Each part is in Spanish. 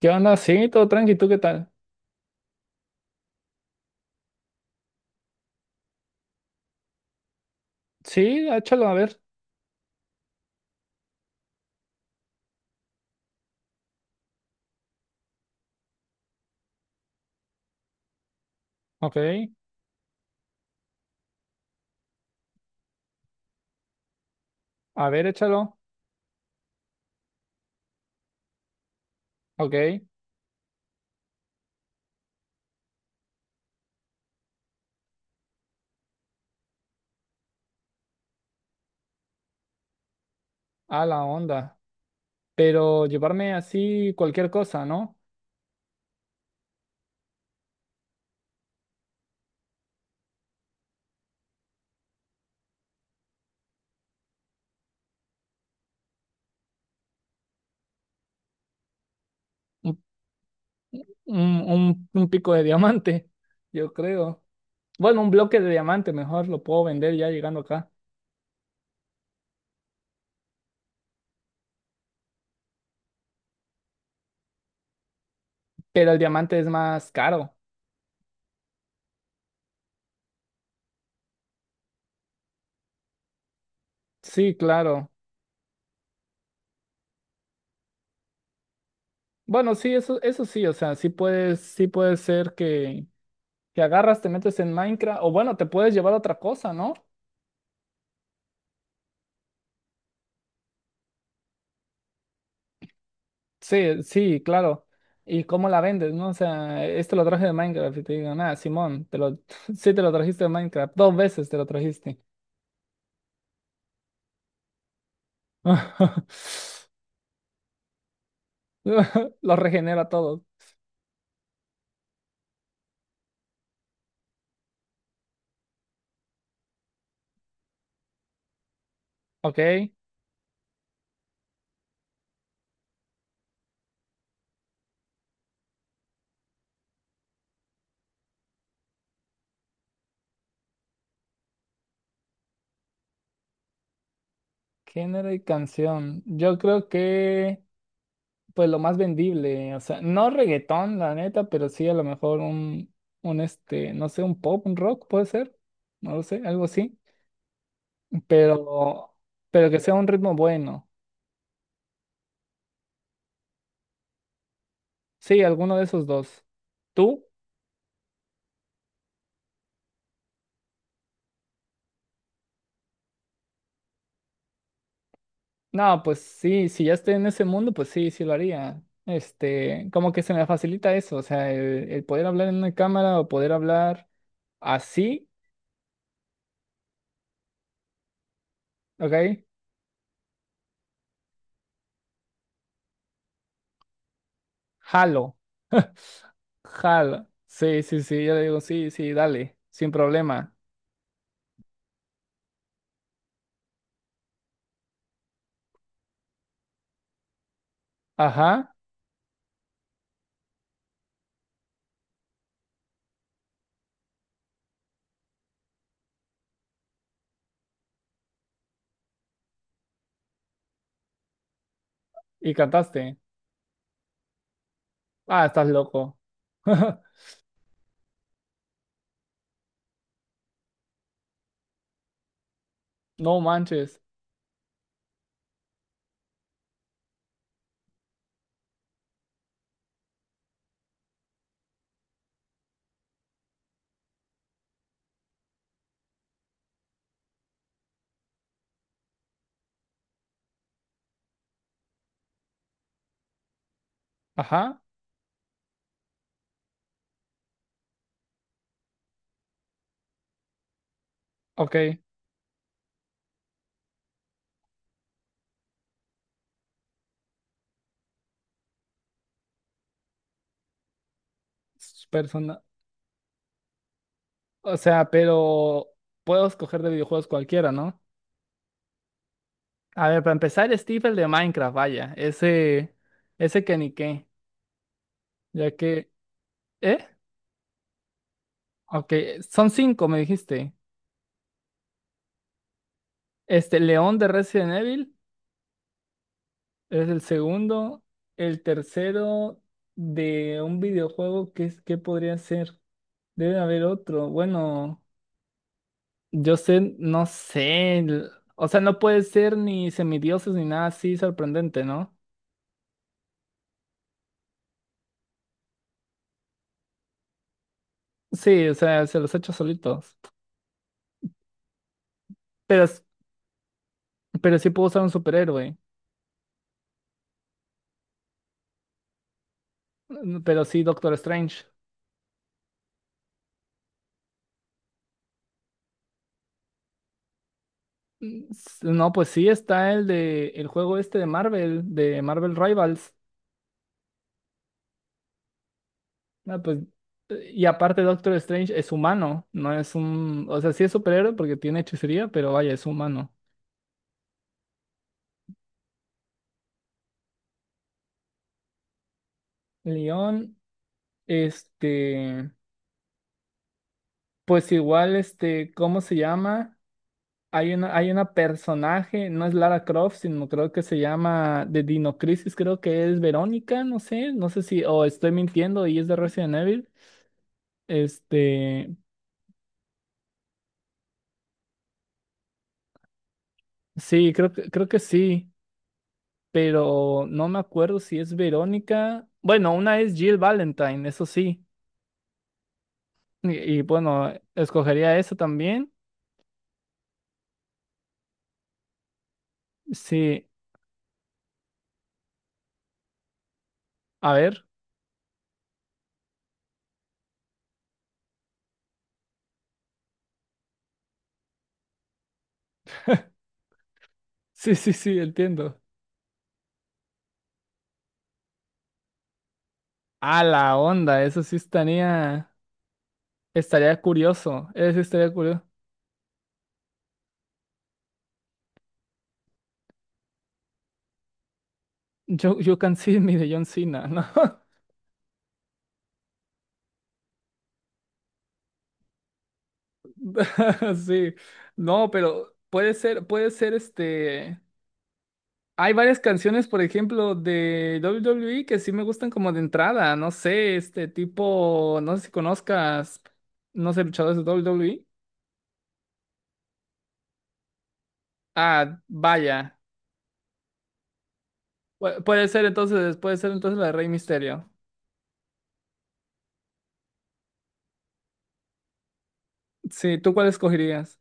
¿Qué onda? Sí, todo tranqui, ¿tú qué tal? Sí, échalo, a ver. Ok, a ver, échalo. Ok, a la onda. Pero llevarme así cualquier cosa, ¿no? Un, un pico de diamante, yo creo. Bueno, un bloque de diamante mejor, lo puedo vender ya llegando acá. Pero el diamante es más caro. Sí, claro. Bueno, sí, eso sí, o sea, sí puedes, sí puede ser que agarras, te metes en Minecraft, o bueno, te puedes llevar otra cosa, ¿no? Sí, sí, claro. ¿Y cómo la vendes, no? O sea, esto lo traje de Minecraft y te digo, nada, Simón, te lo, sí te lo trajiste de Minecraft, dos veces te lo trajiste. Lo regenera a todos. Ok, género y canción. Yo creo que, pues lo más vendible, o sea, no reggaetón, la neta, pero sí a lo mejor un este, no sé, un pop, un rock, puede ser, no lo sé, algo así. Pero, pero que sea un ritmo bueno. Sí, alguno de esos dos. ¿Tú? No, pues sí, si ya estoy en ese mundo, pues sí, sí lo haría. Este, como que se me facilita eso, o sea, el poder hablar en una cámara o poder hablar así, ¿ok? Jalo. Jalo. Sí, sí, sí, yo le digo, sí, sí, dale, sin problema. Ajá, y cantaste. Ah, estás loco. No manches. Ajá, ok. Persona. O sea, pero puedo escoger de videojuegos cualquiera, ¿no? A ver, para empezar, Steve, el de Minecraft, vaya, ese que ni qué, ya que, ¿eh? Ok, son cinco, me dijiste. Este, León de Resident Evil es el segundo, el tercero de un videojuego, ¿ qué podría ser? Debe haber otro, bueno, yo sé, no sé, o sea, no puede ser ni semidioses ni nada así sorprendente, ¿no? Sí, o sea, se los he hecho solitos, pero, pero sí puedo usar un superhéroe. Pero sí, Doctor Strange. No, pues sí está el de el juego este de Marvel Rivals. No, pues, y aparte Doctor Strange es humano, no es un, o sea, sí es superhéroe porque tiene hechicería, pero vaya, es humano. León, este, pues igual, este, ¿cómo se llama? Hay una personaje, no es Lara Croft, sino creo que se llama de Dino Crisis, creo que es Verónica, no sé, no sé si, o estoy mintiendo y es de Resident Evil. Este, sí, creo que sí, pero no me acuerdo si es Verónica. Bueno, una es Jill Valentine, eso sí. Y, y bueno, escogería eso también. Sí, a ver. Sí, sí, sí, entiendo. A la onda, eso sí estaría, estaría curioso. Eso sí estaría curioso. You, you can see me de John Cena, ¿no? Sí. No, pero puede ser este. Hay varias canciones, por ejemplo, de WWE que sí me gustan como de entrada. No sé, este tipo, no sé si conozcas, no sé, luchadores de WWE. Ah, vaya. Puede ser entonces, puede ser entonces la de Rey Misterio. Sí, ¿tú cuál escogerías?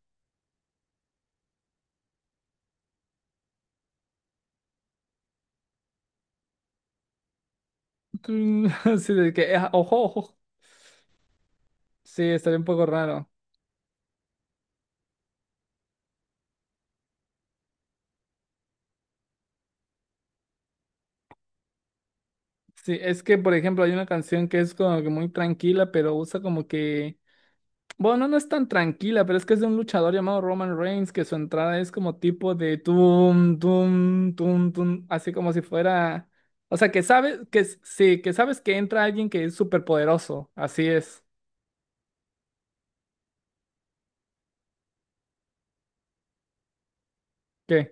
Mm, Sí, de que, ah, ojo, ojo. Sí, estaría un poco raro. Sí, es que, por ejemplo, hay una canción que es como que muy tranquila, pero usa como que... Bueno, no es tan tranquila, pero es que es de un luchador llamado Roman Reigns, que su entrada es como tipo de tum, tum, tum, tum, así como si fuera. O sea, que sabes, sí, que sabes que entra alguien que es súper poderoso. Así es. ¿Qué?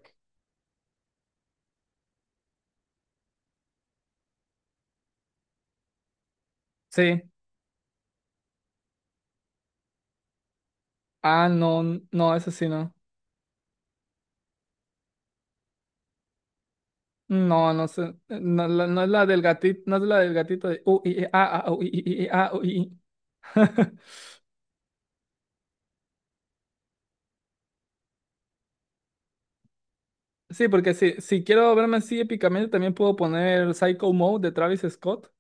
Sí. Ah, no, no, eso sí no. No, no sé. No, no es la del gatito, no es la del gatito de. I, i, ah, ah, i, i, i, ah, i, i". Sí, porque si, si quiero verme así épicamente, también puedo poner Psycho Mode de Travis Scott.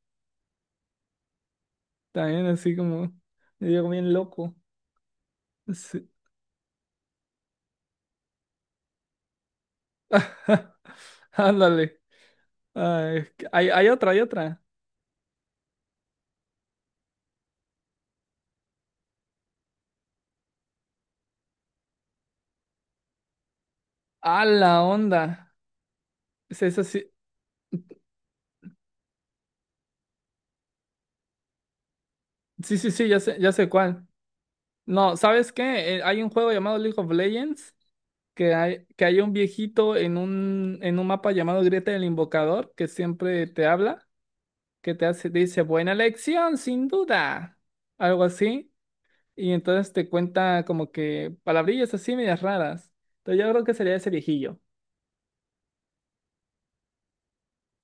También así como, yo bien loco. Sí. Ándale. Ay, es que hay otra. A la onda. Es esa sí. Sí, sí, sí, ya sé cuál. No, ¿sabes qué? Hay un juego llamado League of Legends que hay un viejito en un mapa llamado Grieta del Invocador que siempre te habla, que te hace, dice, buena elección, sin duda. Algo así. Y entonces te cuenta como que palabrillas así medias raras. Entonces yo creo que sería ese viejillo.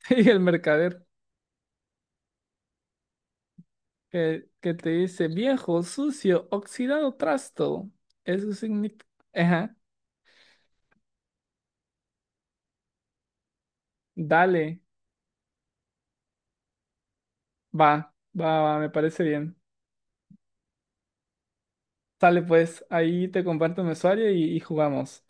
Y el mercader que te dice viejo, sucio, oxidado, trasto. Eso significa... Ajá, dale, va, va, me parece bien. Sale pues, ahí te comparto mi usuario y jugamos.